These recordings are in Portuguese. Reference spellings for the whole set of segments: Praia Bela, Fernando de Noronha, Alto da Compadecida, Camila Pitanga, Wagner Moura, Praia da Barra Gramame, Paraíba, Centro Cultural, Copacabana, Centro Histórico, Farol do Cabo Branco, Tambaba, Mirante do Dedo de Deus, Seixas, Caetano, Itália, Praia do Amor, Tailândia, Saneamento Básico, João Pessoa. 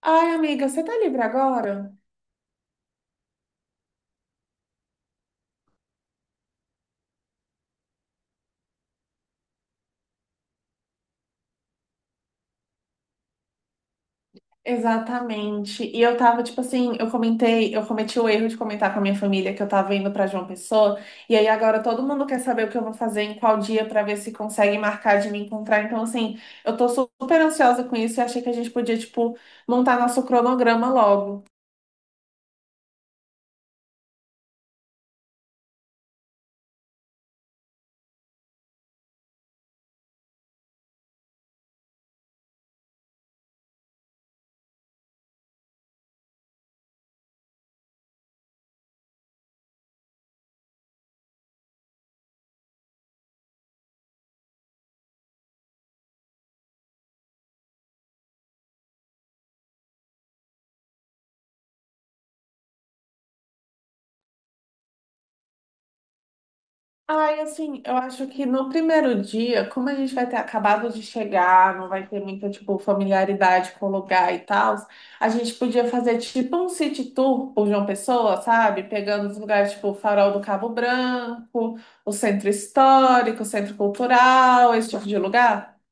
Ai, amiga, você tá livre agora? Exatamente. E eu tava, tipo assim, eu cometi o erro de comentar com a minha família que eu tava indo pra João Pessoa, e aí agora todo mundo quer saber o que eu vou fazer em qual dia pra ver se consegue marcar de me encontrar. Então, assim, eu tô super ansiosa com isso e achei que a gente podia, tipo, montar nosso cronograma logo. Ai, assim, eu acho que no primeiro dia, como a gente vai ter acabado de chegar, não vai ter muita, tipo, familiaridade com o lugar e tal, a gente podia fazer, tipo, um city tour por João Pessoa, sabe? Pegando os lugares, tipo, o Farol do Cabo Branco, o Centro Histórico, o Centro Cultural, esse tipo de lugar.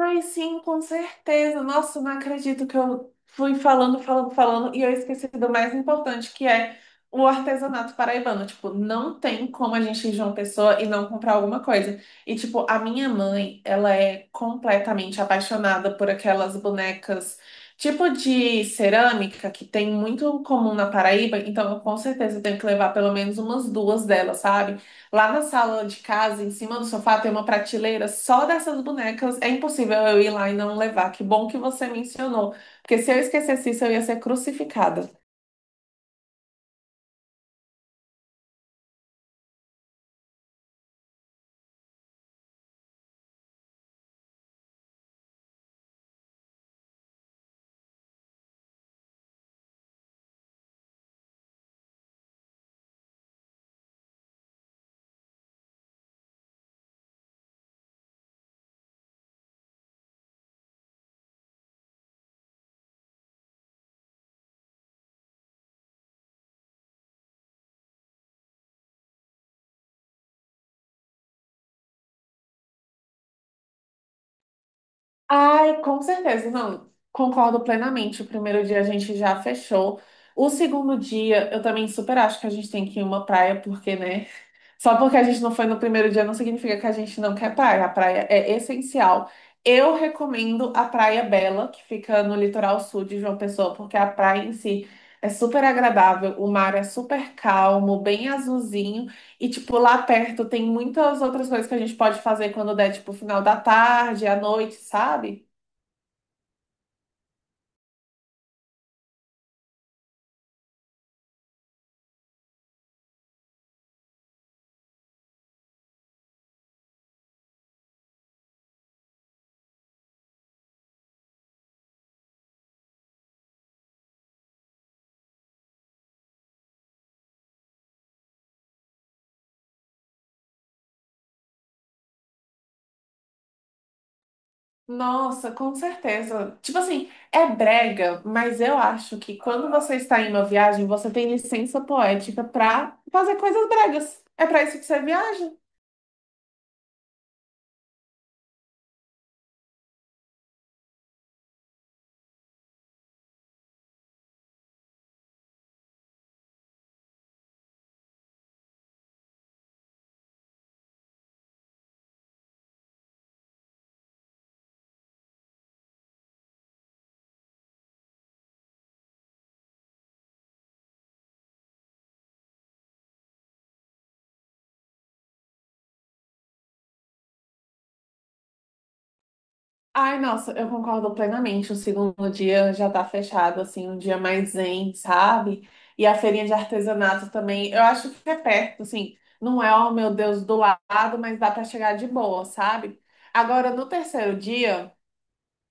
Ai, sim, com certeza. Nossa, não acredito que eu fui falando, e eu esqueci do mais importante, que é o artesanato paraibano. Tipo, não tem como a gente ir de uma pessoa e não comprar alguma coisa. E, tipo, a minha mãe, ela é completamente apaixonada por aquelas bonecas, tipo de cerâmica, que tem muito comum na Paraíba. Então, eu com certeza tenho que levar pelo menos umas duas delas, sabe? Lá na sala de casa, em cima do sofá, tem uma prateleira só dessas bonecas. É impossível eu ir lá e não levar. Que bom que você mencionou, porque se eu esquecesse isso, eu ia ser crucificada. Ai, com certeza, não. Concordo plenamente. O primeiro dia a gente já fechou. O segundo dia, eu também super acho que a gente tem que ir em uma praia, porque, né? Só porque a gente não foi no primeiro dia não significa que a gente não quer praia. A praia é essencial. Eu recomendo a Praia Bela, que fica no litoral sul de João Pessoa, porque a praia em si é super agradável, o mar é super calmo, bem azulzinho, e tipo lá perto tem muitas outras coisas que a gente pode fazer quando der tipo final da tarde, à noite, sabe? Nossa, com certeza. Tipo assim, é brega, mas eu acho que quando você está em uma viagem, você tem licença poética pra fazer coisas bregas. É pra isso que você viaja. Ai, nossa, eu concordo plenamente. O segundo dia já tá fechado, assim, um dia mais zen, sabe? E a feirinha de artesanato também, eu acho que é perto, assim, não é, oh meu Deus, do lado, mas dá pra chegar de boa, sabe? Agora, no terceiro dia.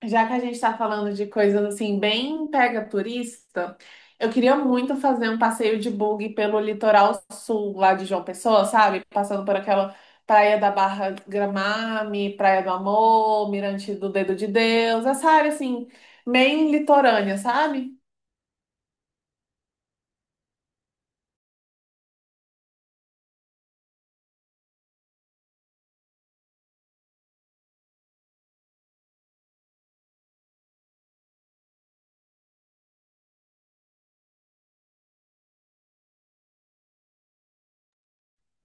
Já que a gente está falando de coisas assim, bem pega turista, eu queria muito fazer um passeio de bug pelo litoral sul lá de João Pessoa, sabe? Passando por aquela Praia da Barra Gramame, Praia do Amor, Mirante do Dedo de Deus, essa área assim, bem litorânea, sabe?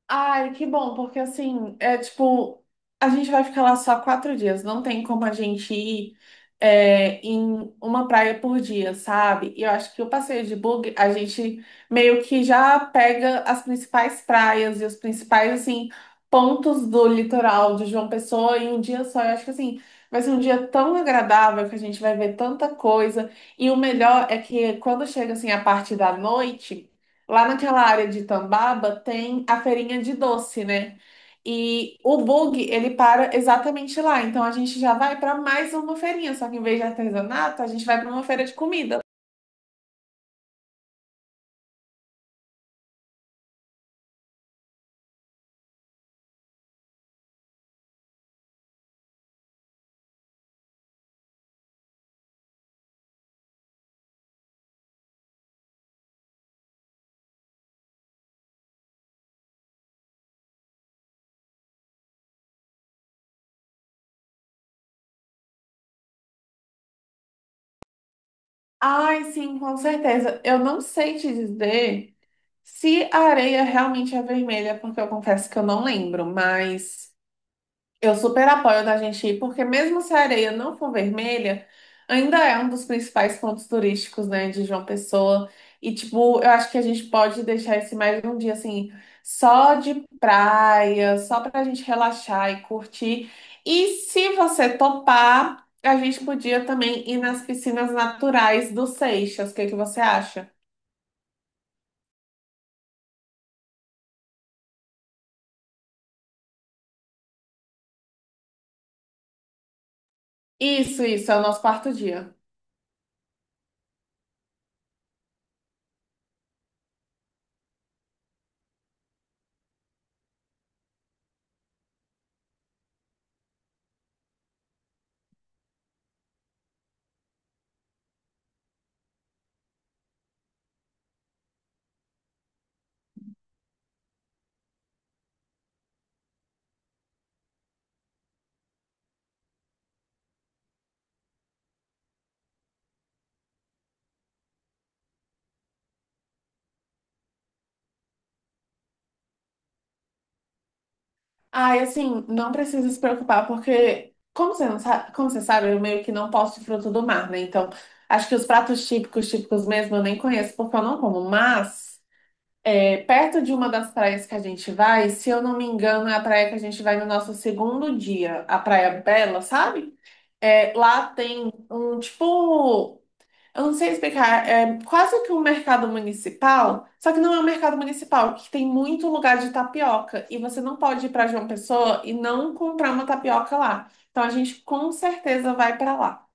Ai, que bom, porque assim, é tipo, a gente vai ficar lá só quatro dias, não tem como a gente ir em uma praia por dia, sabe? E eu acho que o passeio de bug, a gente meio que já pega as principais praias e os principais, assim, pontos do litoral de João Pessoa em um dia só. Eu acho que assim, vai ser um dia tão agradável que a gente vai ver tanta coisa. E o melhor é que quando chega, assim, a parte da noite. Lá naquela área de Tambaba tem a feirinha de doce, né? E o bug, ele para exatamente lá. Então a gente já vai para mais uma feirinha, só que em vez de artesanato, a gente vai para uma feira de comida. Ai, sim, com certeza. Eu não sei te dizer se a areia realmente é vermelha, porque eu confesso que eu não lembro, mas eu super apoio da gente ir, porque mesmo se a areia não for vermelha, ainda é um dos principais pontos turísticos, né, de João Pessoa. E, tipo, eu acho que a gente pode deixar esse mais um dia, assim, só de praia, só pra gente relaxar e curtir. E se você topar, a gente podia também ir nas piscinas naturais do Seixas. O que que você acha? Isso, é o nosso quarto dia. Ai, assim, não precisa se preocupar, porque, como você sabe, eu meio que não posso fruto do mar, né? Então, acho que os pratos típicos, típicos mesmo, eu nem conheço, porque eu não como. Mas, perto de uma das praias que a gente vai, se eu não me engano, é a praia que a gente vai no nosso segundo dia, a Praia Bela, sabe? É, lá tem um, tipo, eu não sei explicar, é quase que um mercado municipal, só que não é um mercado municipal, que tem muito lugar de tapioca e você não pode ir para João Pessoa e não comprar uma tapioca lá. Então a gente com certeza vai para lá.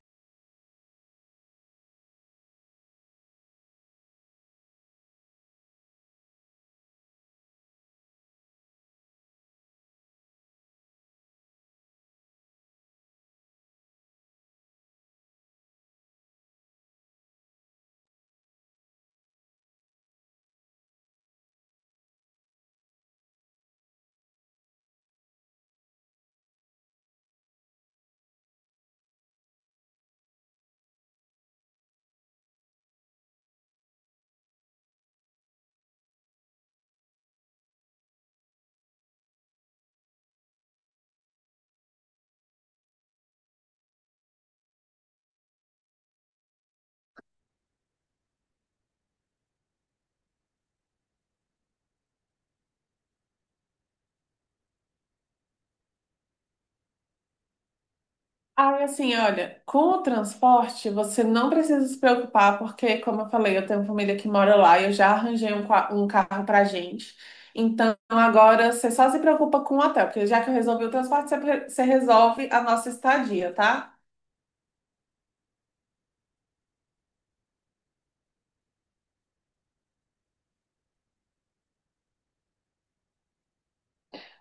Aí assim, olha, com o transporte você não precisa se preocupar, porque como eu falei, eu tenho família que mora lá e eu já arranjei um carro pra gente. Então agora você só se preocupa com o hotel, porque já que eu resolvi o transporte, você resolve a nossa estadia, tá?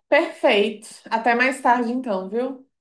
Perfeito. Até mais tarde, então, viu?